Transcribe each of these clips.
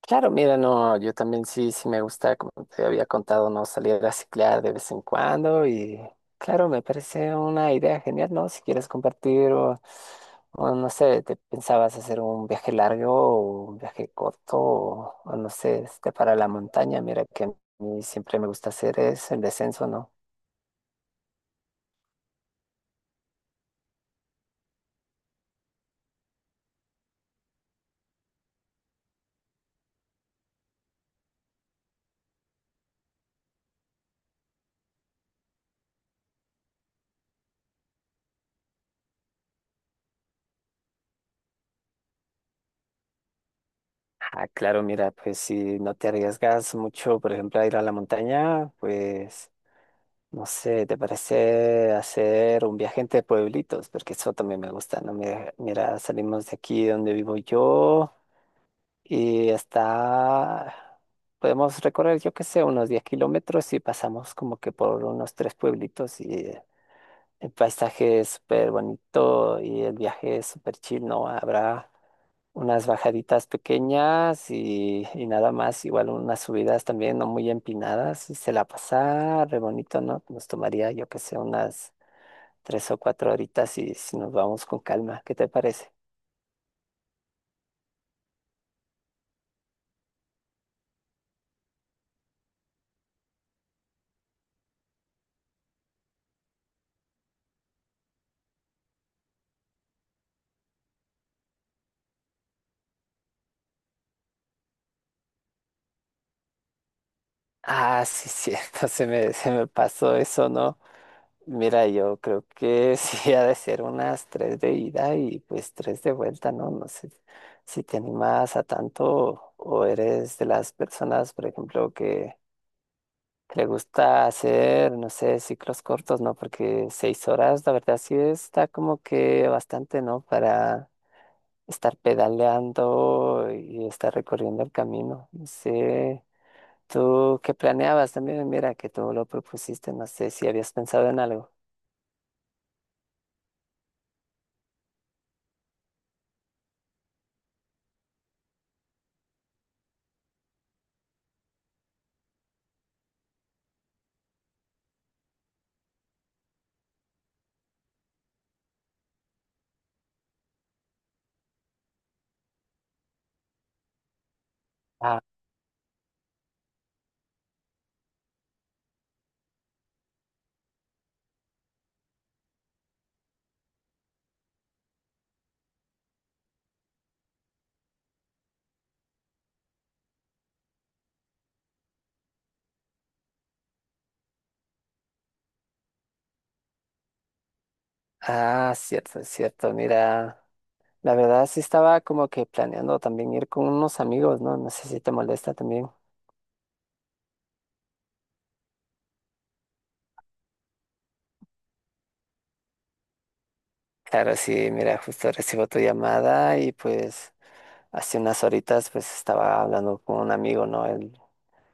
Claro, mira, no, yo también sí me gusta, como te había contado, no salir a ciclar de vez en cuando y claro, me parece una idea genial, ¿no? Si quieres compartir o no sé, te pensabas hacer un viaje largo o un viaje corto o no sé, este, para la montaña, mira que a mí siempre me gusta hacer es el descenso, ¿no? Ah, claro, mira, pues si no te arriesgas mucho, por ejemplo, a ir a la montaña, pues no sé, ¿te parece hacer un viaje entre pueblitos? Porque eso también me gusta, ¿no? Mira, mira, salimos de aquí donde vivo yo y hasta podemos recorrer, yo qué sé, unos 10 kilómetros y pasamos como que por unos tres pueblitos y el paisaje es súper bonito y el viaje es súper chill, ¿no? Habrá unas bajaditas pequeñas y nada más, igual unas subidas también no muy empinadas y se la pasaba re bonito, ¿no? Nos tomaría, yo que sé, unas 3 o 4 horitas y si nos vamos con calma, ¿qué te parece? Ah, sí, cierto, se me pasó eso, ¿no? Mira, yo creo que sí ha de ser unas tres de ida y pues tres de vuelta, ¿no? No sé si te animas a tanto o eres de las personas, por ejemplo, que le gusta hacer, no sé, ciclos cortos, ¿no? Porque 6 horas, la verdad, sí está como que bastante, ¿no? Para estar pedaleando y estar recorriendo el camino. No sé, ¿tú qué planeabas también? Mira, que tú lo propusiste, no sé si habías pensado en algo. Ah, ah, cierto, cierto, mira. La verdad sí estaba como que planeando también ir con unos amigos, ¿no? No sé si te molesta también. Claro, sí, mira, justo recibo tu llamada y pues hace unas horitas pues estaba hablando con un amigo, ¿no? Él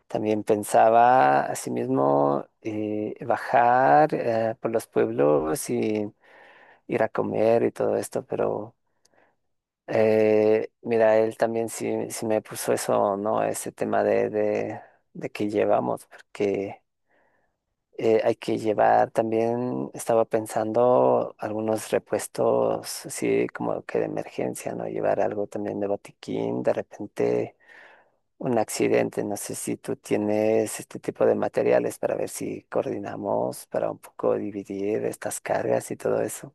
también pensaba asimismo bajar por los pueblos y ir a comer y todo esto, pero mira, él también sí me puso eso, ¿no? Ese tema de que llevamos, porque hay que llevar también, estaba pensando algunos repuestos, así como que de emergencia, ¿no? Llevar algo también de botiquín, de repente un accidente. No sé si tú tienes este tipo de materiales para ver si coordinamos para un poco dividir estas cargas y todo eso.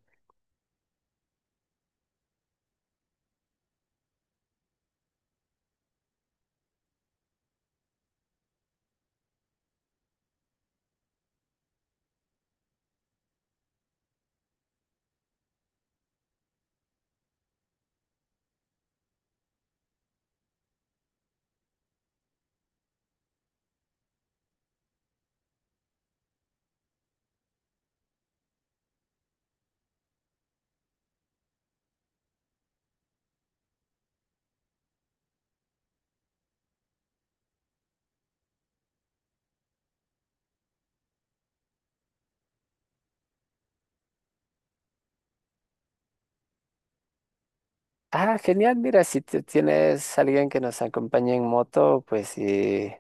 Ah, genial. Mira, si tú tienes alguien que nos acompañe en moto, pues sí,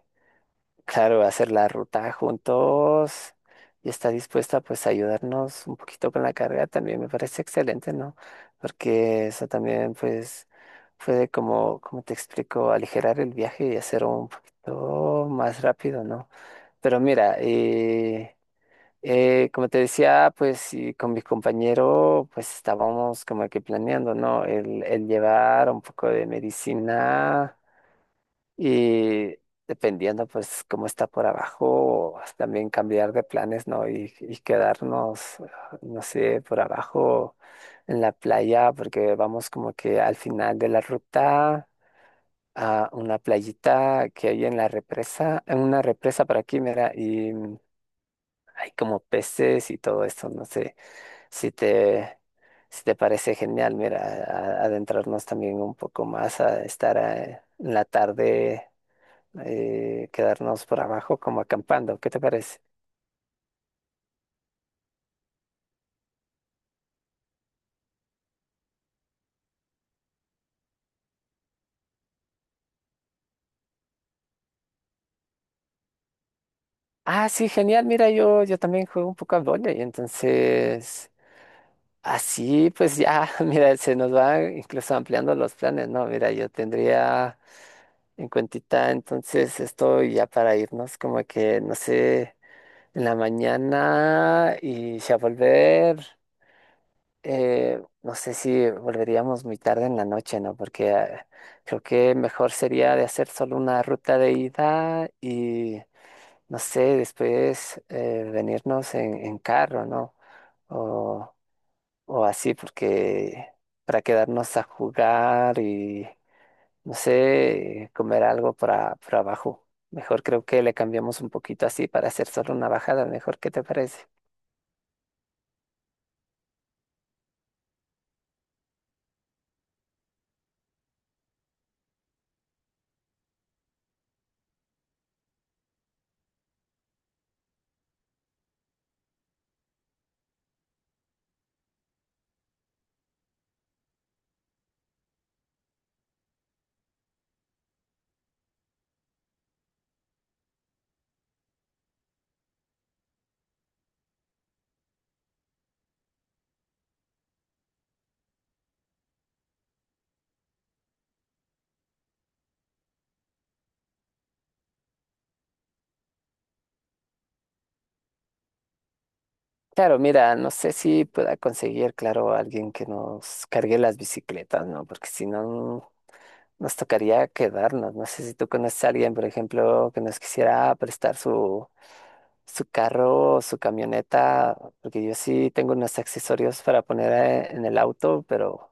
claro, hacer la ruta juntos y está dispuesta pues a ayudarnos un poquito con la carga también me parece excelente, ¿no? Porque eso también pues puede como te explico, aligerar el viaje y hacer un poquito más rápido, ¿no? Pero mira, como te decía, pues sí, con mi compañero, pues estábamos como que planeando, ¿no? El llevar un poco de medicina y dependiendo, pues, cómo está por abajo, también cambiar de planes, ¿no? Y quedarnos, no sé, por abajo en la playa, porque vamos como que al final de la ruta a una playita que hay en la represa, en una represa por aquí, mira, y hay como peces y todo esto, no sé si te, si te parece genial, mira, adentrarnos también un poco más a estar en la tarde, quedarnos por abajo como acampando, ¿qué te parece? Ah, sí, genial, mira, yo también juego un poco a y entonces así pues ya, mira, se nos va incluso ampliando los planes, ¿no? Mira, yo tendría en cuentita entonces esto ya para irnos como que, no sé. En la mañana y si a volver, no sé si volveríamos muy tarde en la noche, ¿no? Porque creo que mejor sería de hacer solo una ruta de ida y, no sé, después venirnos en carro, ¿no? O, o así, porque para quedarnos a jugar y, no sé, comer algo para abajo. Mejor creo que le cambiamos un poquito así para hacer solo una bajada, mejor, ¿qué te parece? Claro, mira, no sé si pueda conseguir, claro, alguien que nos cargue las bicicletas, ¿no? Porque si no, nos tocaría quedarnos. No sé si tú conoces a alguien, por ejemplo, que nos quisiera prestar su carro o su camioneta, porque yo sí tengo unos accesorios para poner en el auto, pero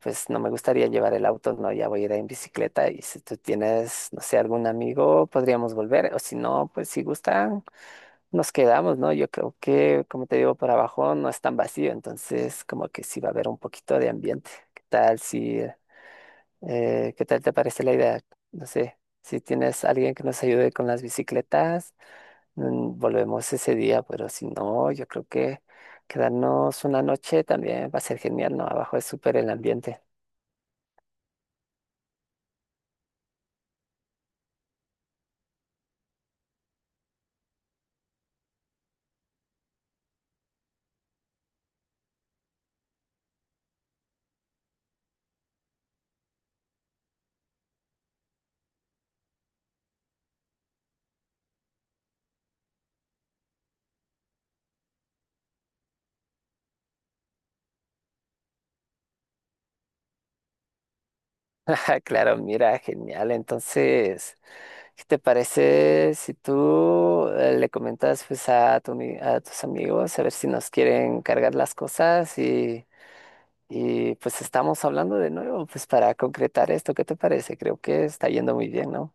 pues no me gustaría llevar el auto, no, ya voy a ir en bicicleta y si tú tienes, no sé, algún amigo, podríamos volver, o si no, pues si gustan nos quedamos, ¿no? Yo creo que, como te digo, por abajo no es tan vacío, entonces como que sí va a haber un poquito de ambiente. ¿Qué tal si, qué tal te parece la idea? No sé, si tienes alguien que nos ayude con las bicicletas, volvemos ese día, pero si no, yo creo que quedarnos una noche también va a ser genial, ¿no? Abajo es súper el ambiente. Claro, mira, genial. Entonces, ¿qué te parece si tú le comentas pues a tu a tus amigos a ver si nos quieren cargar las cosas y pues estamos hablando de nuevo pues para concretar esto? ¿Qué te parece? Creo que está yendo muy bien, ¿no?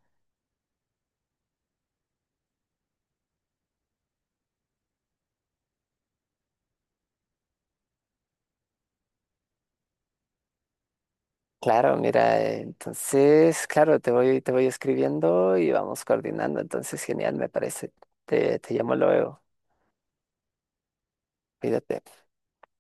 Claro, mira, entonces, claro, te voy escribiendo y vamos coordinando, entonces genial, me parece. Te llamo luego, cuídate.